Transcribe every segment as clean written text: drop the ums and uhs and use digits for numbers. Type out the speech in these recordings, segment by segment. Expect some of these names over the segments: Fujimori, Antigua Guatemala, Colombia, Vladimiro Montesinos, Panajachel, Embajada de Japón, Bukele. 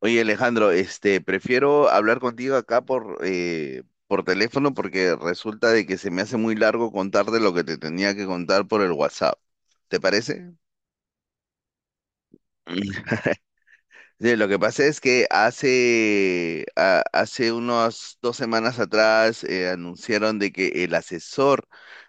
Oye, Alejandro, prefiero hablar contigo acá por teléfono porque resulta de que se me hace muy largo contarte lo que te tenía que contar por el WhatsApp. ¿Te parece? Sí, lo que pasa es que hace unas 2 semanas atrás anunciaron de que el asesor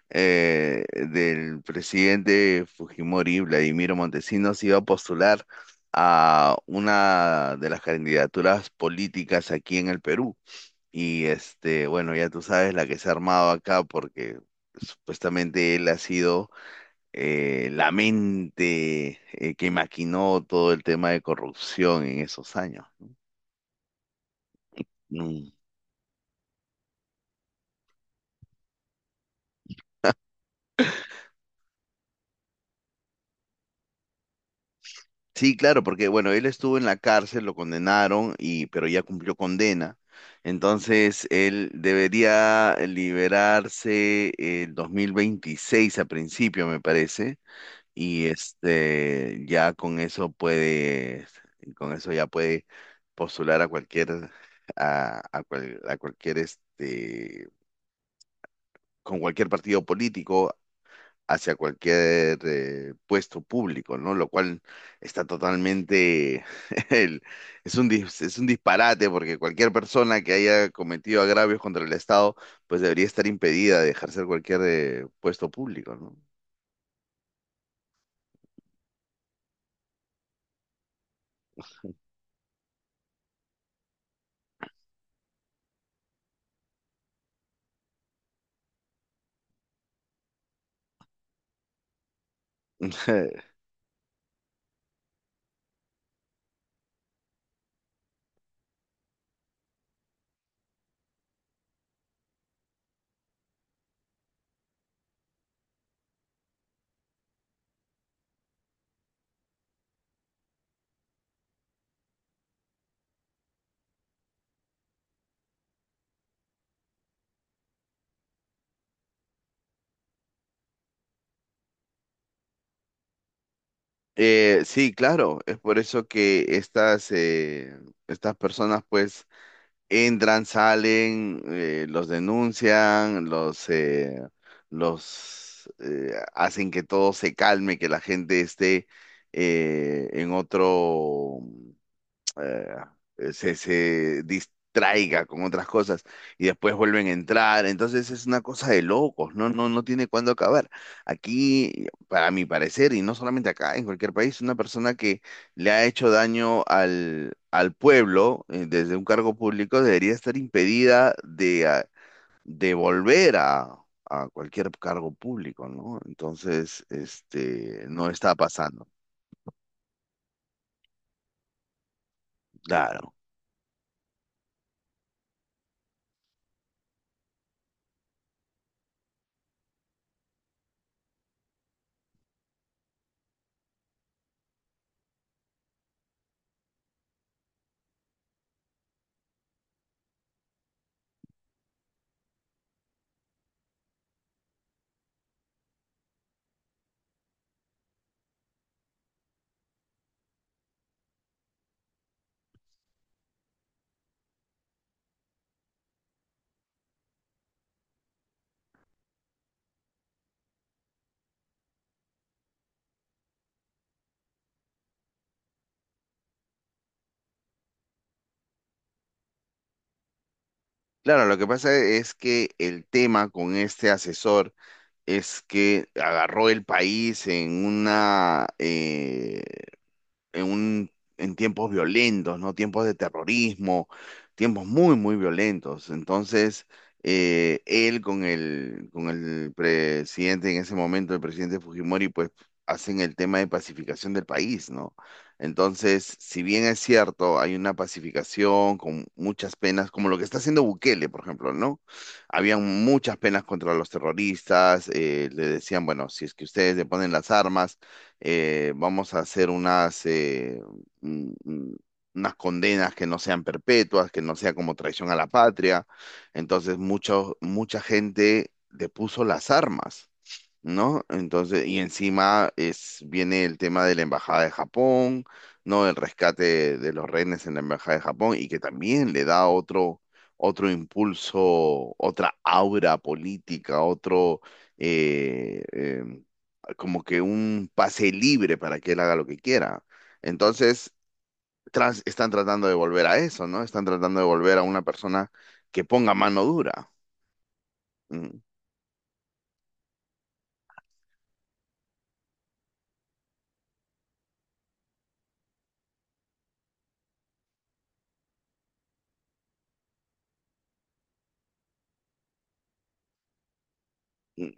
del presidente Fujimori, Vladimiro Montesinos, iba a postular a una de las candidaturas políticas aquí en el Perú. Y bueno, ya tú sabes la que se ha armado acá porque supuestamente él ha sido la mente que maquinó todo el tema de corrupción en esos años. Mm. Sí, claro, porque bueno, él estuvo en la cárcel, lo condenaron y pero ya cumplió condena. Entonces, él debería liberarse el 2026 a principio, me parece. y este ya con eso puedes con eso ya puede postular a cualquier a cual- a cualquier este con cualquier partido político hacia cualquier puesto público, ¿no? Lo cual está totalmente el- es un disparate porque cualquier persona que haya cometido agravios contra el Estado pues debería estar impedida de ejercer cualquier puesto público, ¿no? Sí, claro, es por eso que estas personas pues entran, salen, los denuncian, los hacen que todo se calme, que la gente esté en otro, se, se distraiga con otras cosas y después vuelven a entrar. Entonces es una cosa de locos, no, no, no tiene cuándo acabar. Aquí, para mi parecer, y no solamente acá, en cualquier país, una persona que le ha hecho daño al pueblo desde un cargo público debería estar impedida de volver a cualquier cargo público, ¿no? Entonces, no está pasando. Claro. Claro, lo que pasa es que el tema con este asesor es que agarró el país en una, en un, en tiempos violentos, ¿no? Tiempos de terrorismo, tiempos muy, muy violentos. Entonces, él con el presidente en ese momento, el presidente Fujimori, pues hacen el tema de pacificación del país, ¿no? Entonces, si bien es cierto, hay una pacificación con muchas penas, como lo que está haciendo Bukele, por ejemplo, ¿no? Habían muchas penas contra los terroristas, le decían, bueno, si es que ustedes le ponen las armas, vamos a hacer mm, mm, unas condenas que no sean perpetuas, que no sea como traición a la patria. Entonces, mucha gente depuso las armas, ¿no? Entonces, y encima viene el tema de la Embajada de Japón, ¿no? El rescate de los rehenes en la Embajada de Japón y que también le da otro impulso, otra aura política, eh, eh, como que un pase libre para que él haga lo que quiera. Entonces, están tratando de volver a eso, ¿no? Están tratando de volver a una persona que ponga mano dura. Mm. mm,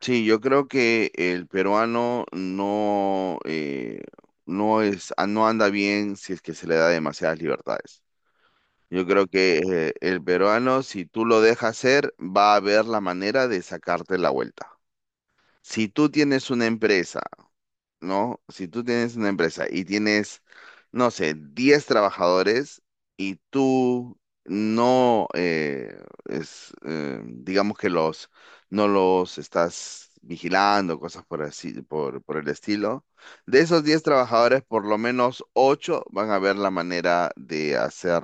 Sí, yo creo que el peruano no anda bien si es que se le da demasiadas libertades. Yo creo que el peruano, si tú lo dejas ser, va a ver la manera de sacarte la vuelta. Si tú tienes una empresa, ¿no? Si tú tienes una empresa y tienes, no sé, 10 trabajadores y tú no, es, digamos que no los estás vigilando, cosas por el estilo, de esos 10 trabajadores, por lo menos 8 van a ver la manera de hacer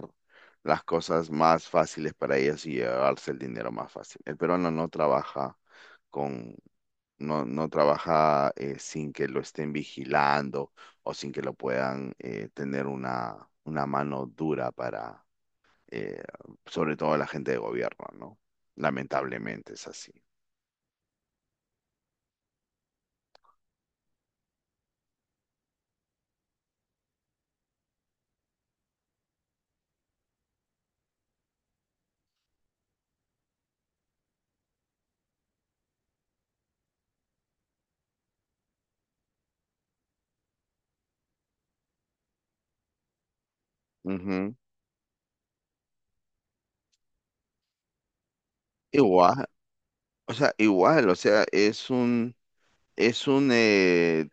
las cosas más fáciles para ellos y llevarse el dinero más fácil. El peruano no trabaja. con, no trabaja sin que lo estén vigilando o sin que lo puedan tener una mano dura para, eh, sobre todo la gente de gobierno, ¿no? Lamentablemente es así. Ujú. Igual, igual, o sea, es un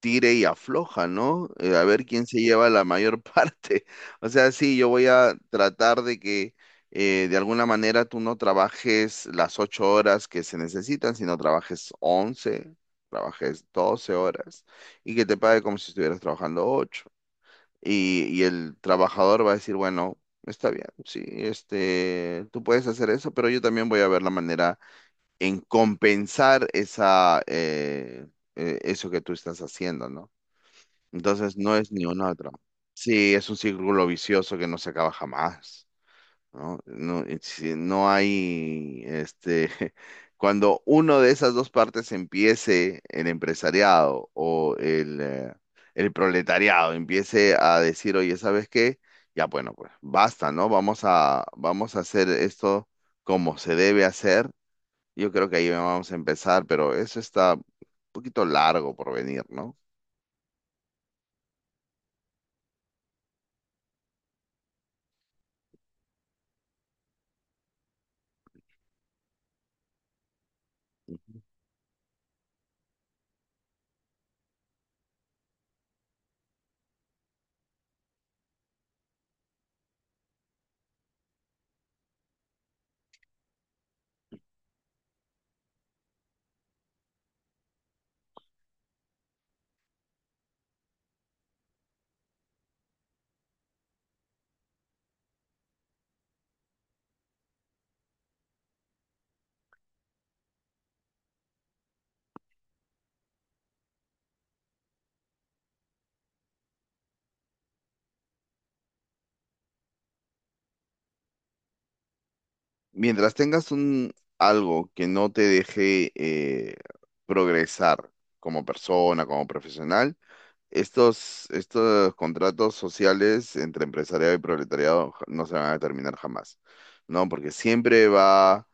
tire y afloja, ¿no? A ver quién se lleva la mayor parte. O sea, sí, yo voy a tratar de que de alguna manera tú no trabajes las 8 horas que se necesitan, sino trabajes 11, trabajes 12 horas y que te pague como si estuvieras trabajando ocho. Y el trabajador va a decir, bueno, está bien, sí, tú puedes hacer eso, pero yo también voy a ver la manera en compensar eso que tú estás haciendo, ¿no? Entonces no es ni una otra. Sí, es un círculo vicioso que no se acaba jamás, ¿no? No, y si no hay, cuando uno de esas dos partes empiece, el empresariado o el proletariado empiece a decir, oye, ¿sabes qué? Ya, bueno, pues basta, ¿no? Vamos a hacer esto como se debe hacer. Yo creo que ahí vamos a empezar, pero eso está un poquito largo por venir, ¿no? Mientras tengas un algo que no te deje progresar como persona, como profesional, estos contratos sociales entre empresariado y proletariado no se van a terminar jamás, ¿no? Porque siempre va,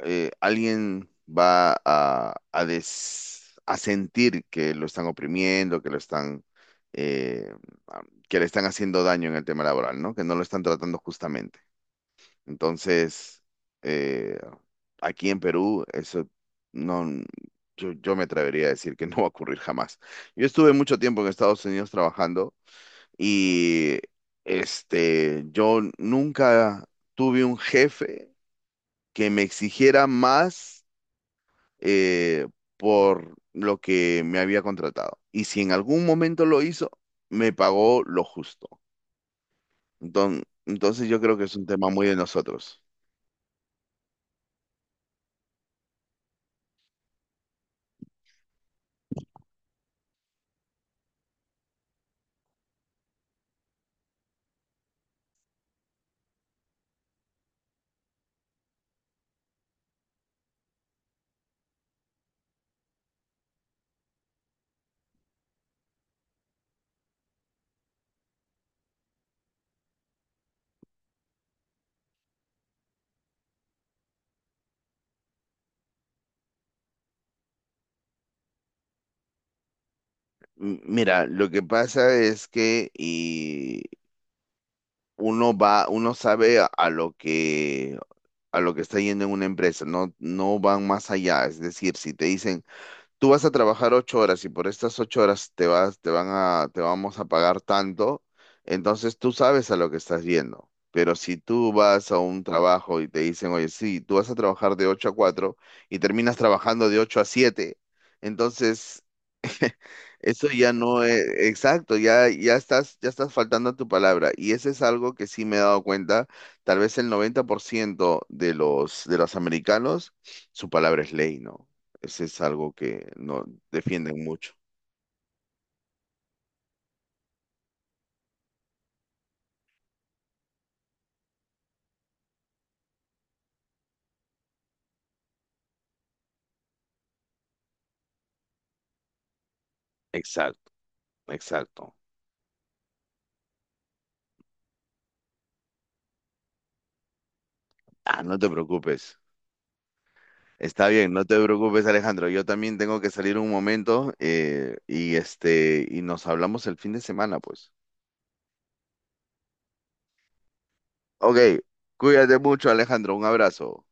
eh, alguien va a sentir que lo están oprimiendo, eh, a- que le están haciendo daño en el tema laboral, ¿no? Que no lo están tratando justamente. Entonces eh, aquí en Perú, eso no, yo me atrevería a decir que no va a ocurrir jamás. Yo estuve mucho tiempo en Estados Unidos trabajando y yo nunca tuve un jefe que me exigiera más eh, por lo que me había contratado. Y si en algún momento lo hizo, me pagó lo justo. Entonces yo creo que es un tema muy de nosotros. Mira, lo que pasa es que, uno sabe a lo que está yendo en una empresa, no van más allá. Es decir, si te dicen, tú vas a trabajar 8 horas y por estas 8 horas te vas, te van a, te vamos a pagar tanto, entonces tú sabes a lo que estás yendo. Pero si tú vas a un trabajo y te dicen, oye, sí, tú vas a trabajar de ocho a cuatro y terminas trabajando de ocho a siete, entonces eso ya no es, exacto, ya estás faltando a tu palabra. Y ese es algo que sí me he dado cuenta, tal vez el 90% de los americanos, su palabra es ley, ¿no? Ese es algo que no defienden mucho. Exacto, exacto. Ah, no te preocupes. Está bien, no te preocupes, Alejandro. Yo también tengo que salir un momento, y nos hablamos el fin de semana, pues. Ok, cuídate mucho, Alejandro. Un abrazo.